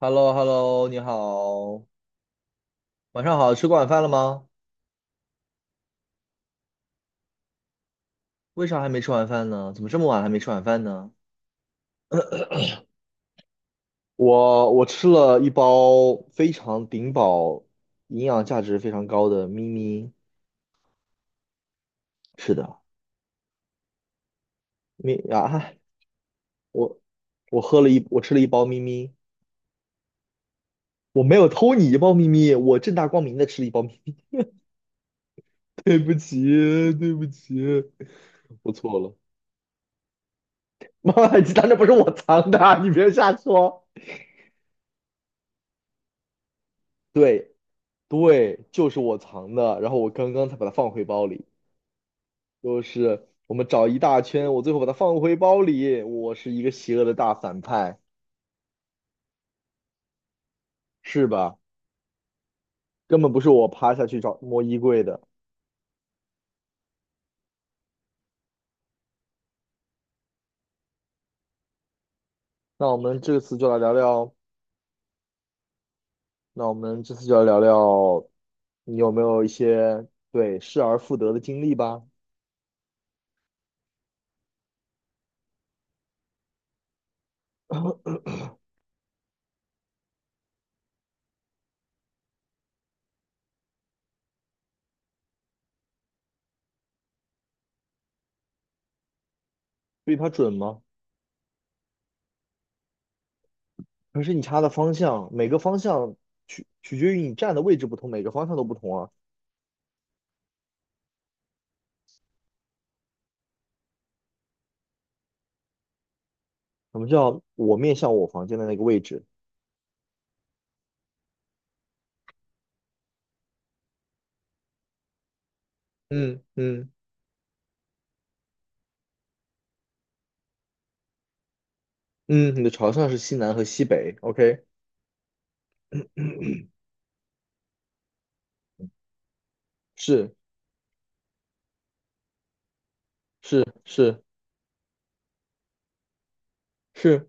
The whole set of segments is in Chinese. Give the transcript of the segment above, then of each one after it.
h e l l o h e l l o 你好，晚上好，吃过晚饭了吗？为啥还没吃晚饭呢？怎么这么晚还没吃晚饭呢？我吃了一包非常顶饱、营养价值非常高的咪咪，是的，咪啊，我我吃了一包咪咪，我没有偷你一包咪咪，我正大光明的吃了一包咪咪，对不起，对不起，我错了，妈妈，鸡蛋那不是我藏的啊，你别瞎说。对，对，就是我藏的，然后我刚刚才把它放回包里。就是我们找一大圈，我最后把它放回包里。我是一个邪恶的大反派，是吧？根本不是我趴下去找摸衣柜的。那我们这次就来聊聊，那我们这次就来聊聊，你有没有一些对失而复得的经历吧？对它准吗？可是你插的方向，每个方向取决于你站的位置不同，每个方向都不同啊。什么叫我面向我房间的那个位置？嗯嗯。嗯，你的朝向是西南和西北，OK，是是是是，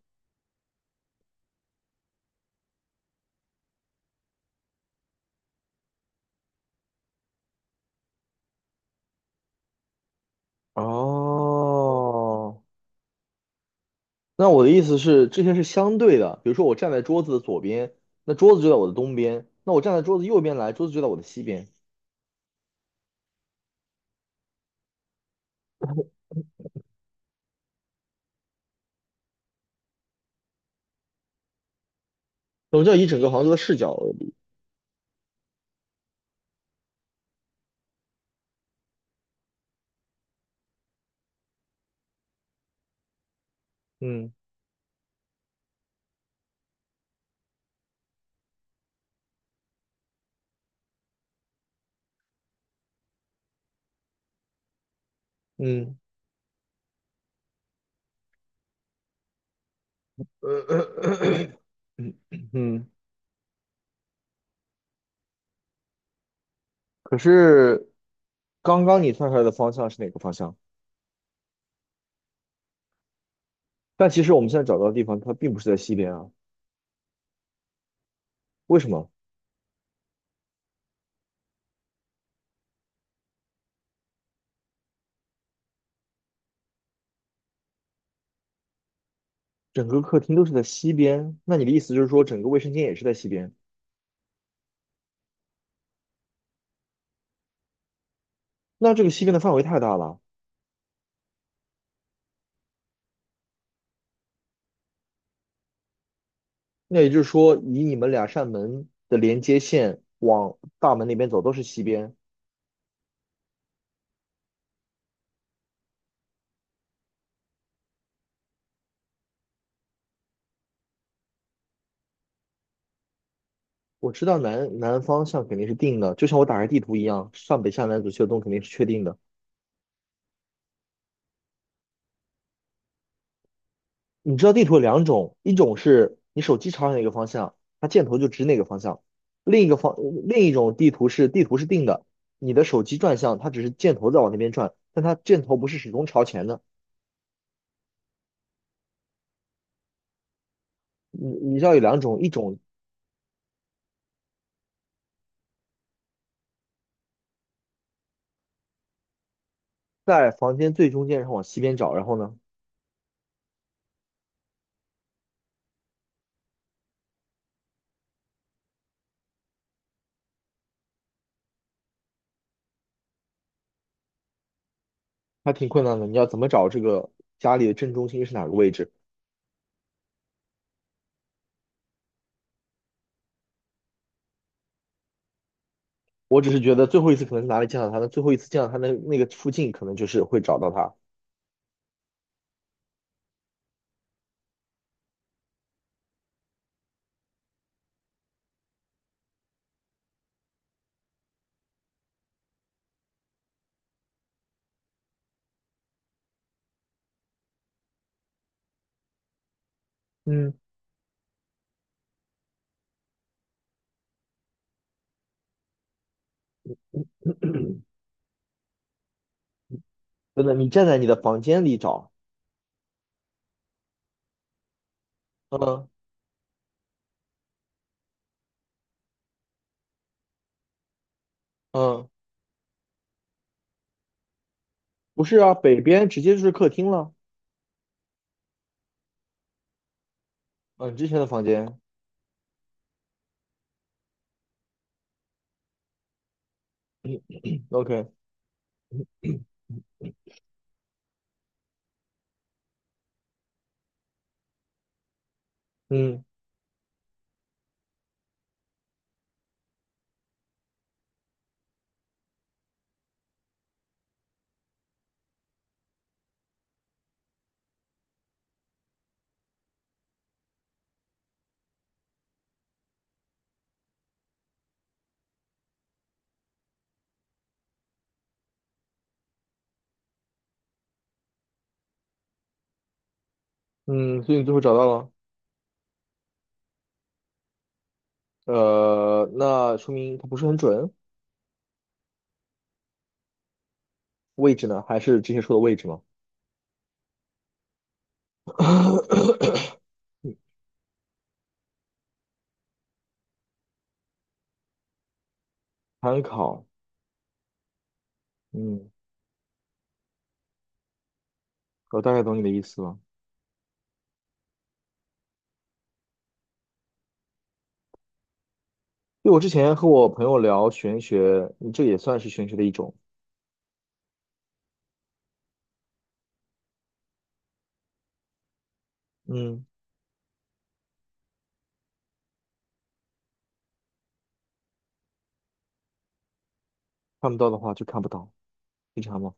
哦，那我的意思是这些是相对的，比如说我站在桌子的左边，那桌子就在我的东边，那我站在桌子右边来，桌子就在我的西边，我就要以整个杭州的视角为例，嗯嗯呃 嗯 嗯，可是刚刚你算出来的方向是哪个方向？但其实我们现在找到的地方它并不是在西边啊，为什么？整个客厅都是在西边，那你的意思就是说整个卫生间也是在西边？那这个西边的范围太大了，那也就是说以你们两扇门的连接线往大门那边走都是西边。我知道南南方向肯定是定的，就像我打开地图一样，上北下南左西右东肯定是确定的。你知道地图有两种，一种是你手机朝哪个方向，它箭头就指哪个方向；另一个方另一种地图是地图是定的，你的手机转向，它只是箭头在往那边转，但它箭头不是始终朝前的。你知道有两种，一种在房间最中间，然后往西边找，然后呢，还挺困难的。你要怎么找这个家里的正中心是哪个位置？我只是觉得最后一次可能是哪里见到他的，最后一次见到他的那个附近，可能就是会找到他。嗯，真的，你站在你的房间里找，嗯嗯，不是啊，北边直接就是客厅了。嗯，之前的房间，OK，嗯嗯，所以你最后找到了，那说明它不是很准。位置呢？还是之前说的位置吗？参考。嗯，我大概懂你的意思了。因为我之前和我朋友聊玄学，嗯，这也算是玄学的一种。嗯，看不到的话就看不到，正常吗？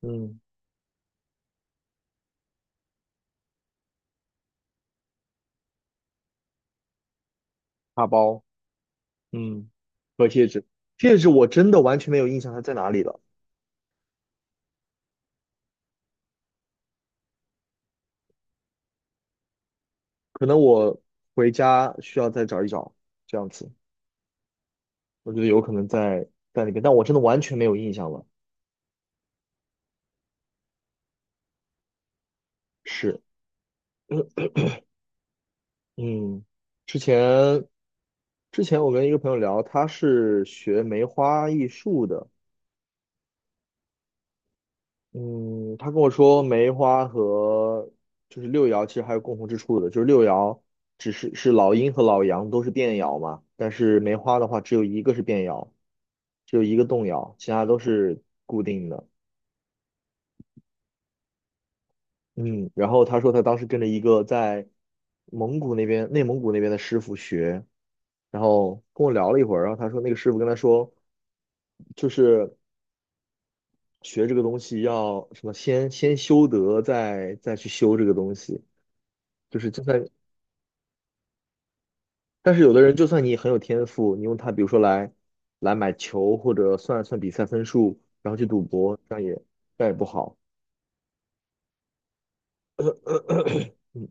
嗯，大包，嗯，和戒指，戒指我真的完全没有印象它在哪里了，可能我回家需要再找一找，这样子，我觉得有可能在那边，但我真的完全没有印象了。是，嗯，之前之前我跟一个朋友聊，他是学梅花易数的。嗯，他跟我说梅花和就是六爻其实还有共同之处的，就是六爻只是是老阴和老阳都是变爻嘛，但是梅花的话只有一个是变爻，只有一个动摇，其他都是固定的。嗯，然后他说他当时跟着一个在蒙古那边、内蒙古那边的师傅学，然后跟我聊了一会儿，然后他说那个师傅跟他说，就是学这个东西要什么先修德，再去修这个东西，就是就算但是有的人，就算你很有天赋，你用它，比如说来买球，或者算算比赛分数，然后去赌博，这样也不好。嗯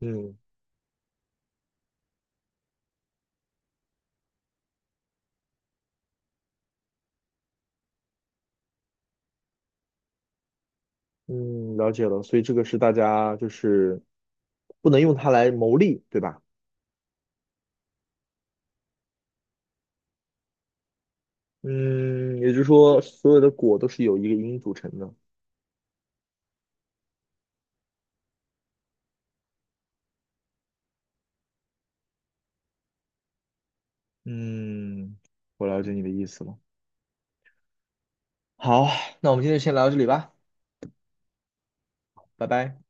嗯嗯，了解了。所以这个是大家就是不能用它来谋利，对吧？嗯，也就是说，所有的果都是由一个因组成的。嗯，我了解你的意思了。好，那我们今天就先聊到这里吧，拜拜。